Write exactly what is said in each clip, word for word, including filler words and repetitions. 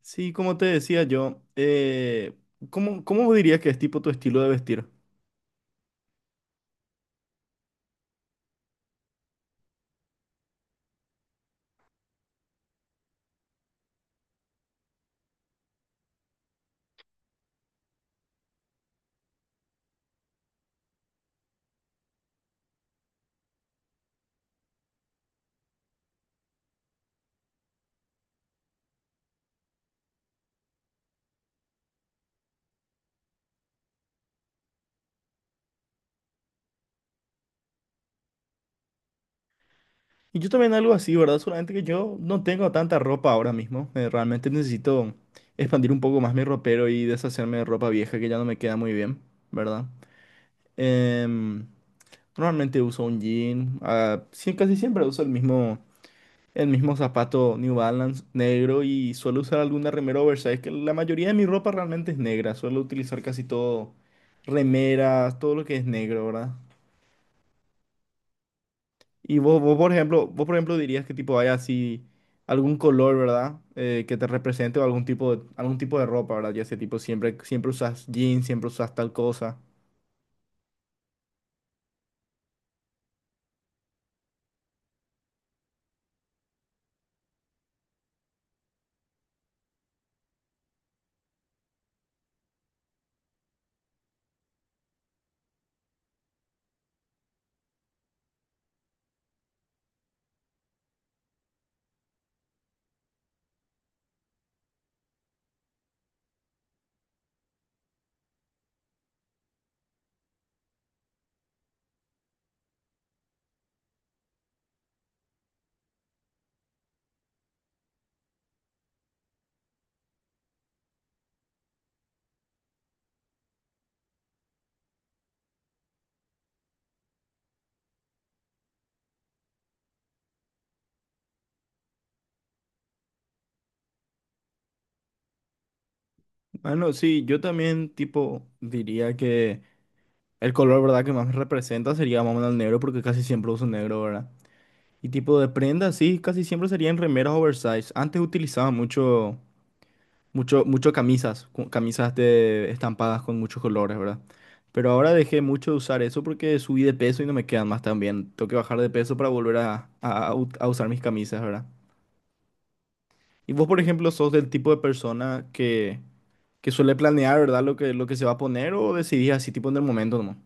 Sí, como te decía yo, eh, ¿cómo, cómo dirías que es tipo tu estilo de vestir? Y yo también algo así, ¿verdad? Solamente que yo no tengo tanta ropa ahora mismo. Eh, realmente necesito expandir un poco más mi ropero y deshacerme de ropa vieja que ya no me queda muy bien, ¿verdad? Em, Normalmente uso un jean. Ah, sí, casi siempre uso el mismo. El mismo zapato New Balance negro y suelo usar alguna remera oversize, que la mayoría de mi ropa realmente es negra. Suelo utilizar casi todo, remeras, todo lo que es negro, ¿verdad? Y vos, vos, por ejemplo, vos, por ejemplo, dirías que tipo hay así algún color, ¿verdad? Eh, que te represente o algún tipo de, algún tipo de ropa, ¿verdad? Ya sea tipo siempre, siempre usas jeans, siempre usas tal cosa. Bueno, sí, yo también tipo diría que el color, ¿verdad? Que más me representa sería más o menos el negro porque casi siempre uso negro, ¿verdad? Y tipo de prendas, sí, casi siempre serían remeras oversize. Antes utilizaba mucho, mucho, mucho camisas, cu- camisas de estampadas con muchos colores, ¿verdad? Pero ahora dejé mucho de usar eso porque subí de peso y no me quedan más tan bien. Tengo que bajar de peso para volver a, a ut- a usar mis camisas, ¿verdad? Y vos, por ejemplo, sos del tipo de persona que, que suele planear, ¿verdad? Lo que, lo que se va a poner o decidís así tipo en el momento nomás.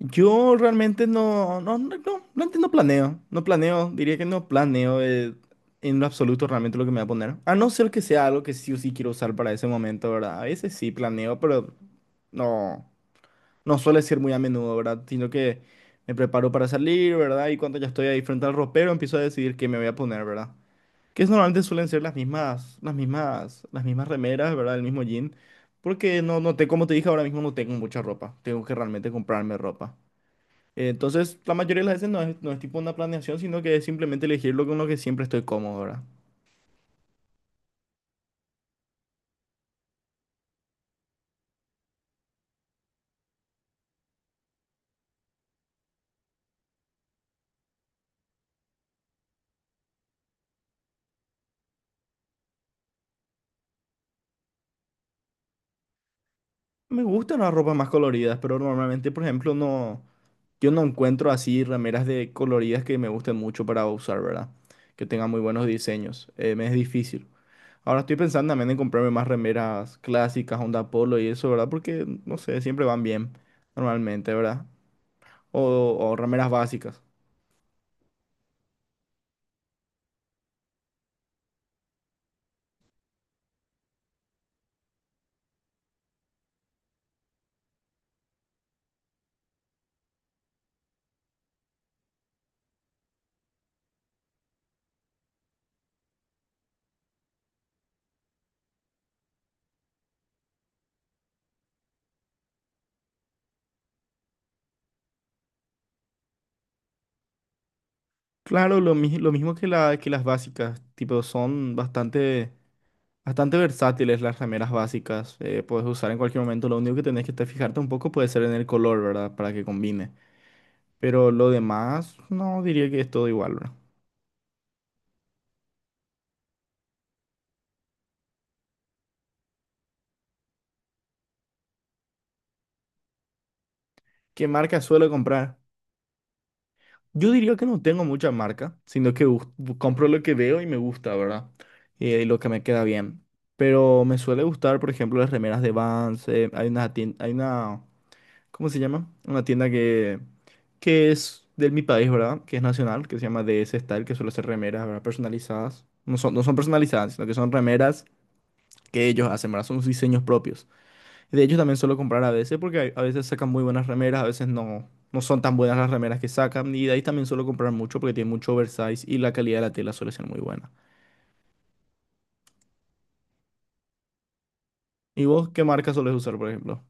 Yo realmente no, no, no, no, realmente no planeo, no planeo, diría que no planeo eh, en lo absoluto realmente lo que me voy a poner. A no ser que sea algo que sí o sí quiero usar para ese momento, ¿verdad? A veces sí planeo, pero no, no suele ser muy a menudo, ¿verdad? Sino que me preparo para salir, ¿verdad? Y cuando ya estoy ahí frente al ropero empiezo a decidir qué me voy a poner, ¿verdad? Que es- normalmente suelen ser las mismas, las mismas, las mismas remeras, ¿verdad? El mismo jean. Porque no, no te, como te dije ahora mismo, no tengo mucha ropa. Tengo que realmente comprarme ropa. Entonces, la mayoría de las veces no es, no es tipo una planeación, sino que es simplemente elegir lo con lo que siempre estoy cómodo, ¿verdad? Me gustan las ropas más coloridas, pero normalmente, por ejemplo, no, yo no encuentro así remeras de coloridas que me gusten mucho para usar, ¿verdad? Que tengan muy buenos diseños. Eh, me es difícil. Ahora estoy pensando también en comprarme más remeras clásicas, onda polo y eso, ¿verdad? Porque, no sé, siempre van bien, normalmente, ¿verdad? O, o remeras básicas. Claro, lo, mi- lo mismo que, la, que las básicas, tipo, son bastante. Bastante versátiles las remeras básicas, eh, puedes usar en cualquier momento, lo único que tenés que te fijarte un poco puede ser en el color, ¿verdad? Para que combine. Pero lo demás, no diría que es todo igual, ¿verdad? ¿Qué marca suelo comprar? Yo diría que no tengo mucha marca, sino que bus- bu- compro lo que veo y me gusta, ¿verdad? Eh, y lo que me queda bien. Pero me suele gustar, por ejemplo, las remeras de Vans, eh, hay una, tien- hay una, ¿cómo se llama? Una tienda que, que es de mi país, ¿verdad? Que es nacional, que se llama D S Style, que suele hacer remeras, ¿verdad? Personalizadas. No son, no son personalizadas, sino que son remeras que ellos hacen, ¿verdad? Son sus diseños propios. Y de ellos también suelo comprar a veces porque hay- a veces sacan muy buenas remeras, a veces no, no son tan buenas las remeras que sacan. Y de ahí también suelo comprar mucho porque tiene mucho oversize y la calidad de la tela suele ser muy buena. ¿Y vos qué marca sueles usar, por ejemplo?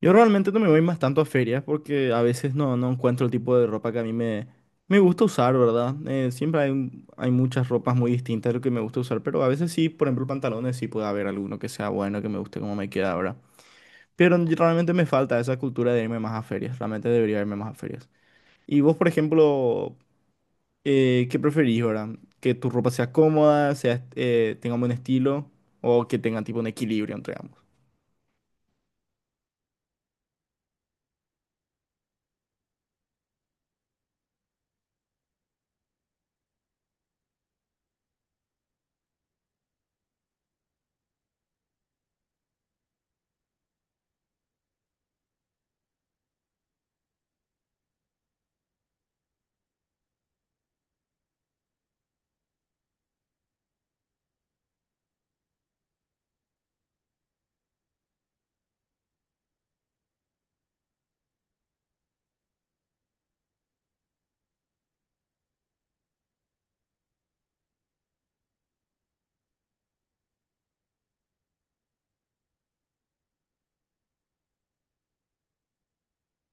Yo realmente no me voy más tanto a ferias porque a veces no, no encuentro el tipo de ropa que a mí me, me gusta usar, ¿verdad? Eh, siempre hay, un- hay muchas ropas muy distintas de lo que me gusta usar, pero a veces sí, por ejemplo, pantalones sí puede haber alguno que sea bueno, que me guste como me queda ahora. Pero yo- realmente me falta esa cultura de irme más a ferias, realmente debería irme más a ferias. Y vos, por ejemplo, eh, ¿qué preferís, verdad? ¿Que tu ropa sea cómoda, sea, eh, tenga un buen estilo o que tenga tipo un equilibrio entre ambos?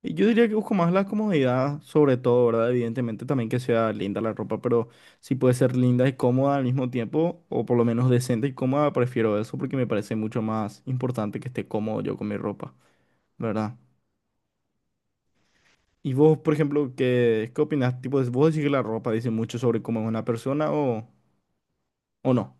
Y Yo diría que busco más la comodidad, sobre todo, ¿verdad? Evidentemente también que sea linda la ropa, pero si puede ser linda y cómoda al mismo tiempo, o por lo menos decente y cómoda, prefiero eso porque me parece mucho más importante que esté cómodo yo con mi ropa, ¿verdad? Y vos, por ejemplo, ¿qué, qué opinás? Tipo, ¿vos decís que la ropa dice mucho sobre cómo es una persona o, o no?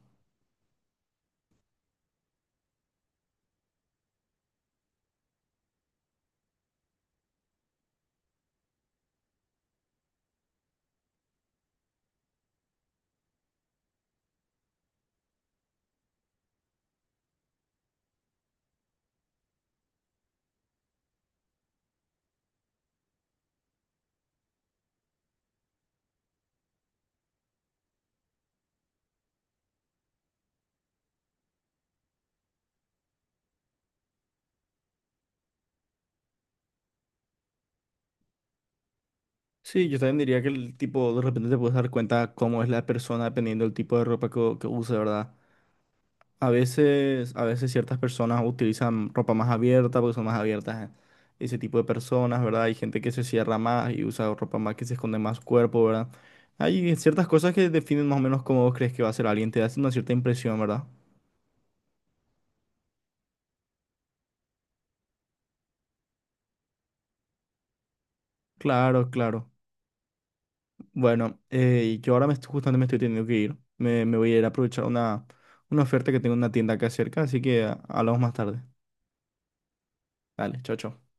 Sí, yo también diría que el tipo, de repente te puedes dar cuenta cómo es la persona dependiendo del tipo de ropa que, que use, ¿verdad? A veces, a veces ciertas personas utilizan ropa más abierta porque son más abiertas, eh, ese tipo de personas, ¿verdad? Hay gente que se cierra más y usa ropa más que se esconde más su cuerpo, ¿verdad? Hay ciertas cosas que definen más o menos cómo vos crees que va a ser alguien, te da una cierta impresión, ¿verdad? Claro, claro. Bueno, eh, yo ahora me estoy, justamente me estoy teniendo que ir. Me, me voy a ir a aprovechar una, una oferta que tengo en una tienda acá cerca, así que ah, hablamos más tarde. Dale, chao, chao.